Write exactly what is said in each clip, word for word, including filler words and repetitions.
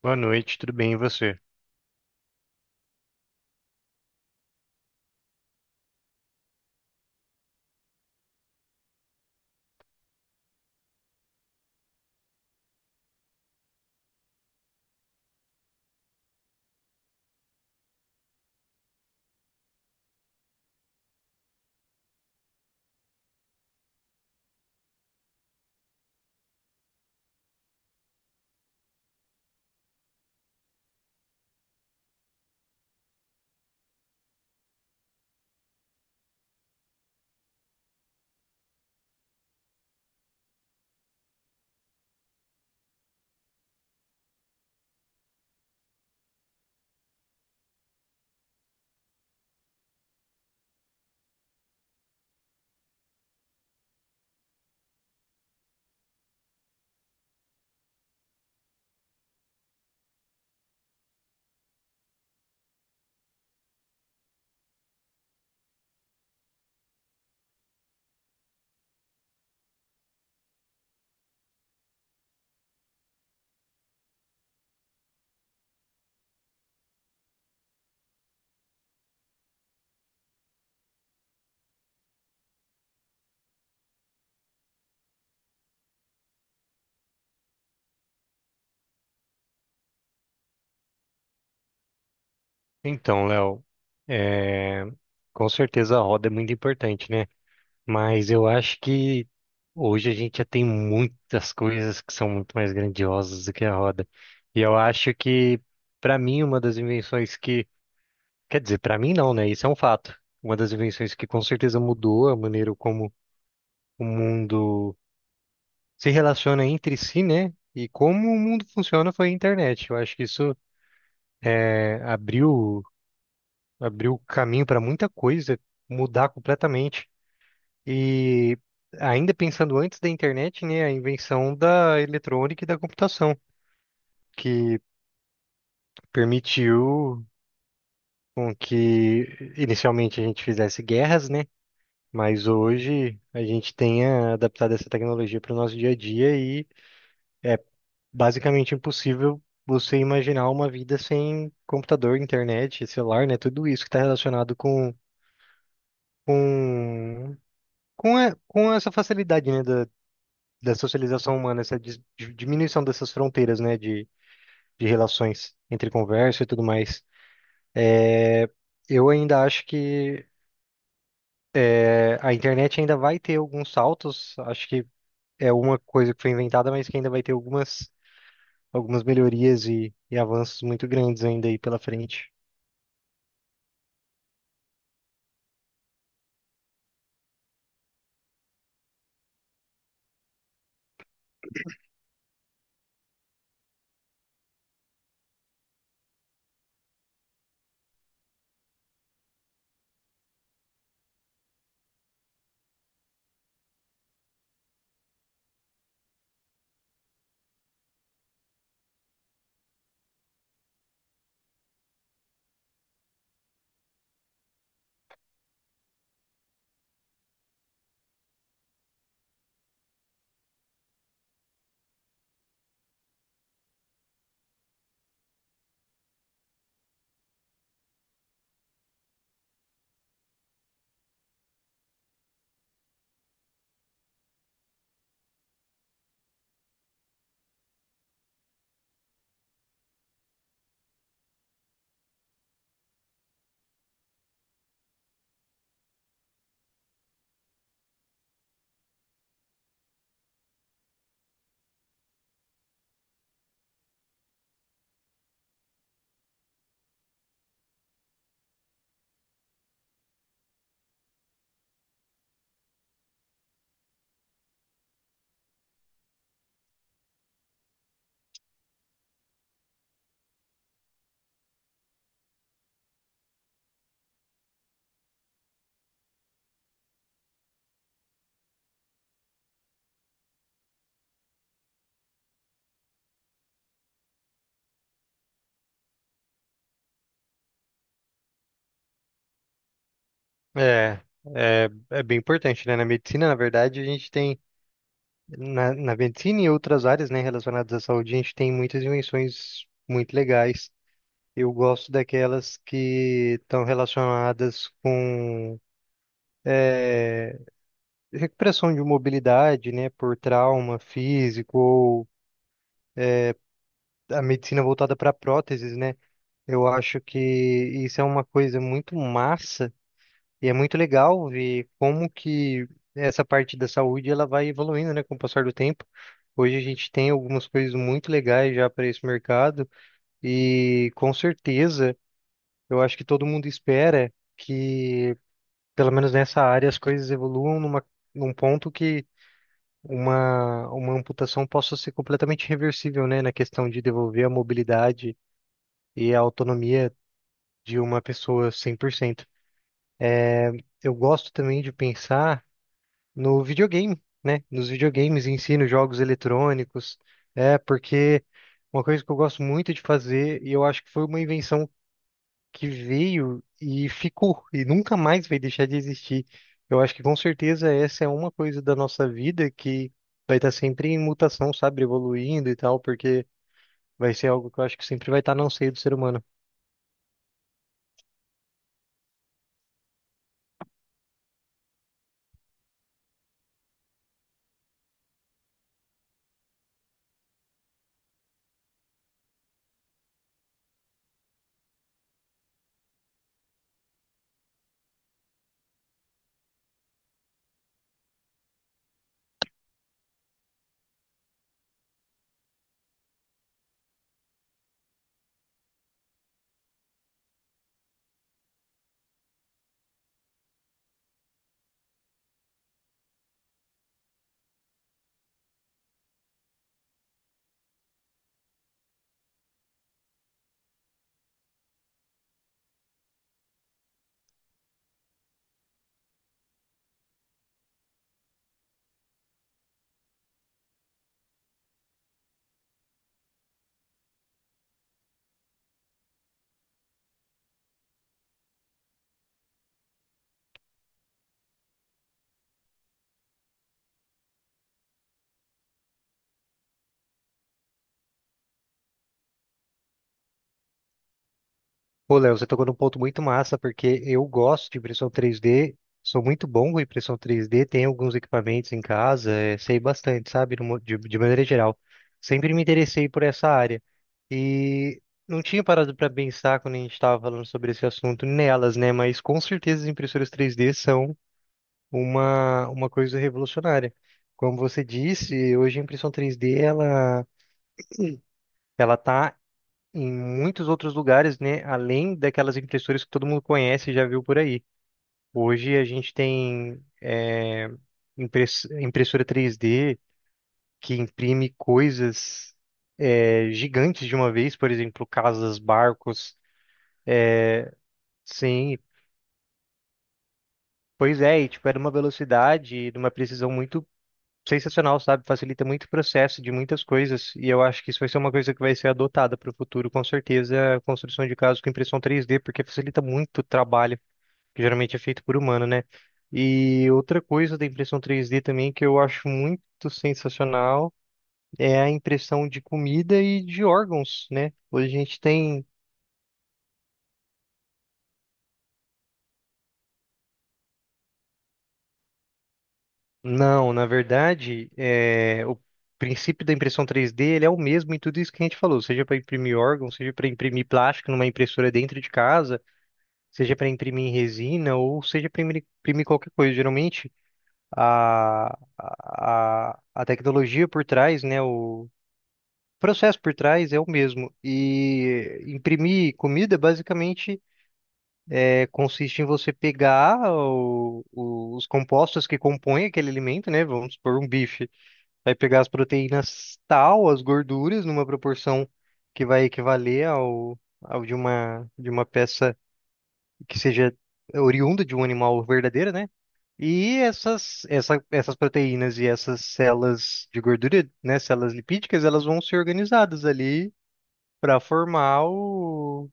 Boa noite, tudo bem e você? Então, Léo, é, com certeza a roda é muito importante, né? Mas eu acho que hoje a gente já tem muitas coisas que são muito mais grandiosas do que a roda. E eu acho que, para mim, uma das invenções que. Quer dizer, para mim não, né? Isso é um fato. Uma das invenções que com certeza mudou a maneira como o mundo se relaciona entre si, né? E como o mundo funciona foi a internet. Eu acho que isso é, abriu abriu caminho para muita coisa mudar completamente. E ainda pensando antes da internet, né, a invenção da eletrônica e da computação, que permitiu com que inicialmente a gente fizesse guerras, né? Mas hoje a gente tenha adaptado essa tecnologia para o nosso dia a dia e é basicamente impossível você imaginar uma vida sem computador, internet, celular, né? Tudo isso que está relacionado com, com Com, e- com essa facilidade, né, da, da socialização humana, essa dis- di- diminuição dessas fronteiras, né, de, de relações entre conversa e tudo mais, eu ainda acho que é, a internet ainda vai ter alguns saltos. Acho que é uma coisa que foi inventada, mas que ainda vai ter algumas, algumas melhorias e, e avanços muito grandes ainda aí pela frente. É, é, é bem importante, né? Na medicina, na verdade, a gente tem, na, na medicina e outras áreas, né, relacionadas à saúde, a gente tem muitas invenções muito legais. Eu gosto daquelas que estão relacionadas com recuperação de mobilidade, né, por trauma físico ou a medicina voltada para próteses, né? Eu acho que isso é uma coisa muito massa e é muito legal ver como que essa parte da saúde ela vai evoluindo, né, com o passar do tempo. Hoje a gente tem algumas coisas muito legais já para esse mercado e com certeza eu acho que todo mundo espera que pelo menos nessa área, as coisas evoluam numa, num ponto que uma, uma amputação possa ser completamente reversível, né? Na questão de devolver a mobilidade e a autonomia de uma pessoa cem por cento. Eu gosto também de pensar no videogame, né? Nos videogames em si, nos jogos eletrônicos. É, porque uma coisa que eu gosto muito de fazer, e eu acho que foi uma invenção que veio e ficou e nunca mais vai deixar de existir. Eu acho que com certeza essa é uma coisa da nossa vida que vai estar sempre em mutação, sabe, evoluindo e tal, porque vai ser algo que eu acho que sempre vai estar no seio do ser humano. Pô, Léo, você tocou num ponto muito massa, porque eu gosto de impressão três D, sou muito bom com impressão três D, tenho alguns equipamentos em casa, eh, sei bastante, sabe, Numa- de, de maneira geral. Sempre me interessei por essa área. E não tinha parado para pensar quando a gente estava falando sobre esse assunto nelas, né? Mas com certeza as impressoras três D são uma, uma coisa revolucionária. Como você disse, hoje a impressão três D, ela. Ela está em muitos outros lugares, né? Além daquelas impressoras que todo mundo conhece e já viu por aí. Hoje a gente tem é, impress- impressora três D que imprime coisas é, gigantes de uma vez, por exemplo, casas, barcos. Sim, pois é, e tipo, é de uma velocidade e de uma precisão muito sensacional, sabe? Facilita muito o processo de muitas coisas. E eu acho que isso vai ser uma coisa que vai ser adotada para o futuro, com certeza, a construção de casas com impressão três D, porque facilita muito o trabalho que geralmente é feito por humano, né? E outra coisa da impressão três D também que eu acho muito sensacional é a impressão de comida e de órgãos, né? Hoje a gente tem. Não, na verdade, é, o princípio da impressão três D ele é o mesmo em tudo isso que a gente falou, seja para imprimir órgãos, seja para imprimir plástico numa impressora dentro de casa, seja para imprimir resina ou seja para imprimir imprimir qualquer coisa. Geralmente, a, a, a tecnologia por trás, né? processo por trás é o mesmo. E imprimir comida, basicamente, é, consiste em você pegar o- o- os compostos que compõem aquele alimento, né? Vamos supor, um bife. Vai pegar as proteínas tal, as gorduras, numa proporção que vai equivaler ao, ao de uma, de uma peça que seja oriunda de um animal verdadeiro, né? E essas, essa, essas proteínas e essas células de gordura, né, células lipídicas, elas vão ser organizadas ali para formar o-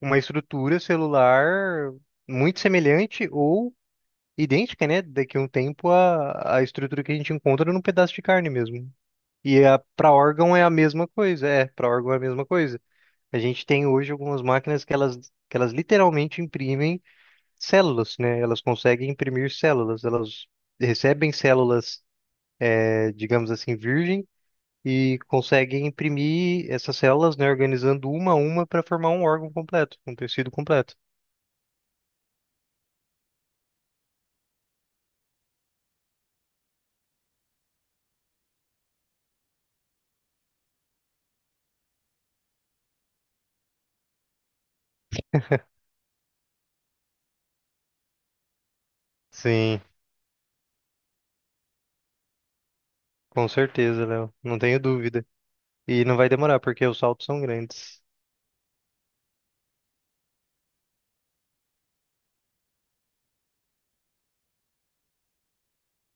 uma estrutura celular muito semelhante ou idêntica, né, daqui a um tempo à, à estrutura que a gente encontra num pedaço de carne mesmo. E a para órgão é a mesma coisa, é, para órgão é a mesma coisa. A gente tem hoje algumas máquinas que elas, que elas literalmente imprimem células, né? Elas conseguem imprimir células, elas recebem células, eh, digamos assim, virgens e consegue imprimir essas células, né, organizando uma a uma para formar um órgão completo, um tecido completo. Sim, com certeza, Léo, não tenho dúvida. E não vai demorar porque os saltos são grandes.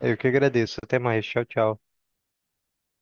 Eu que agradeço. Até mais. Tchau, tchau.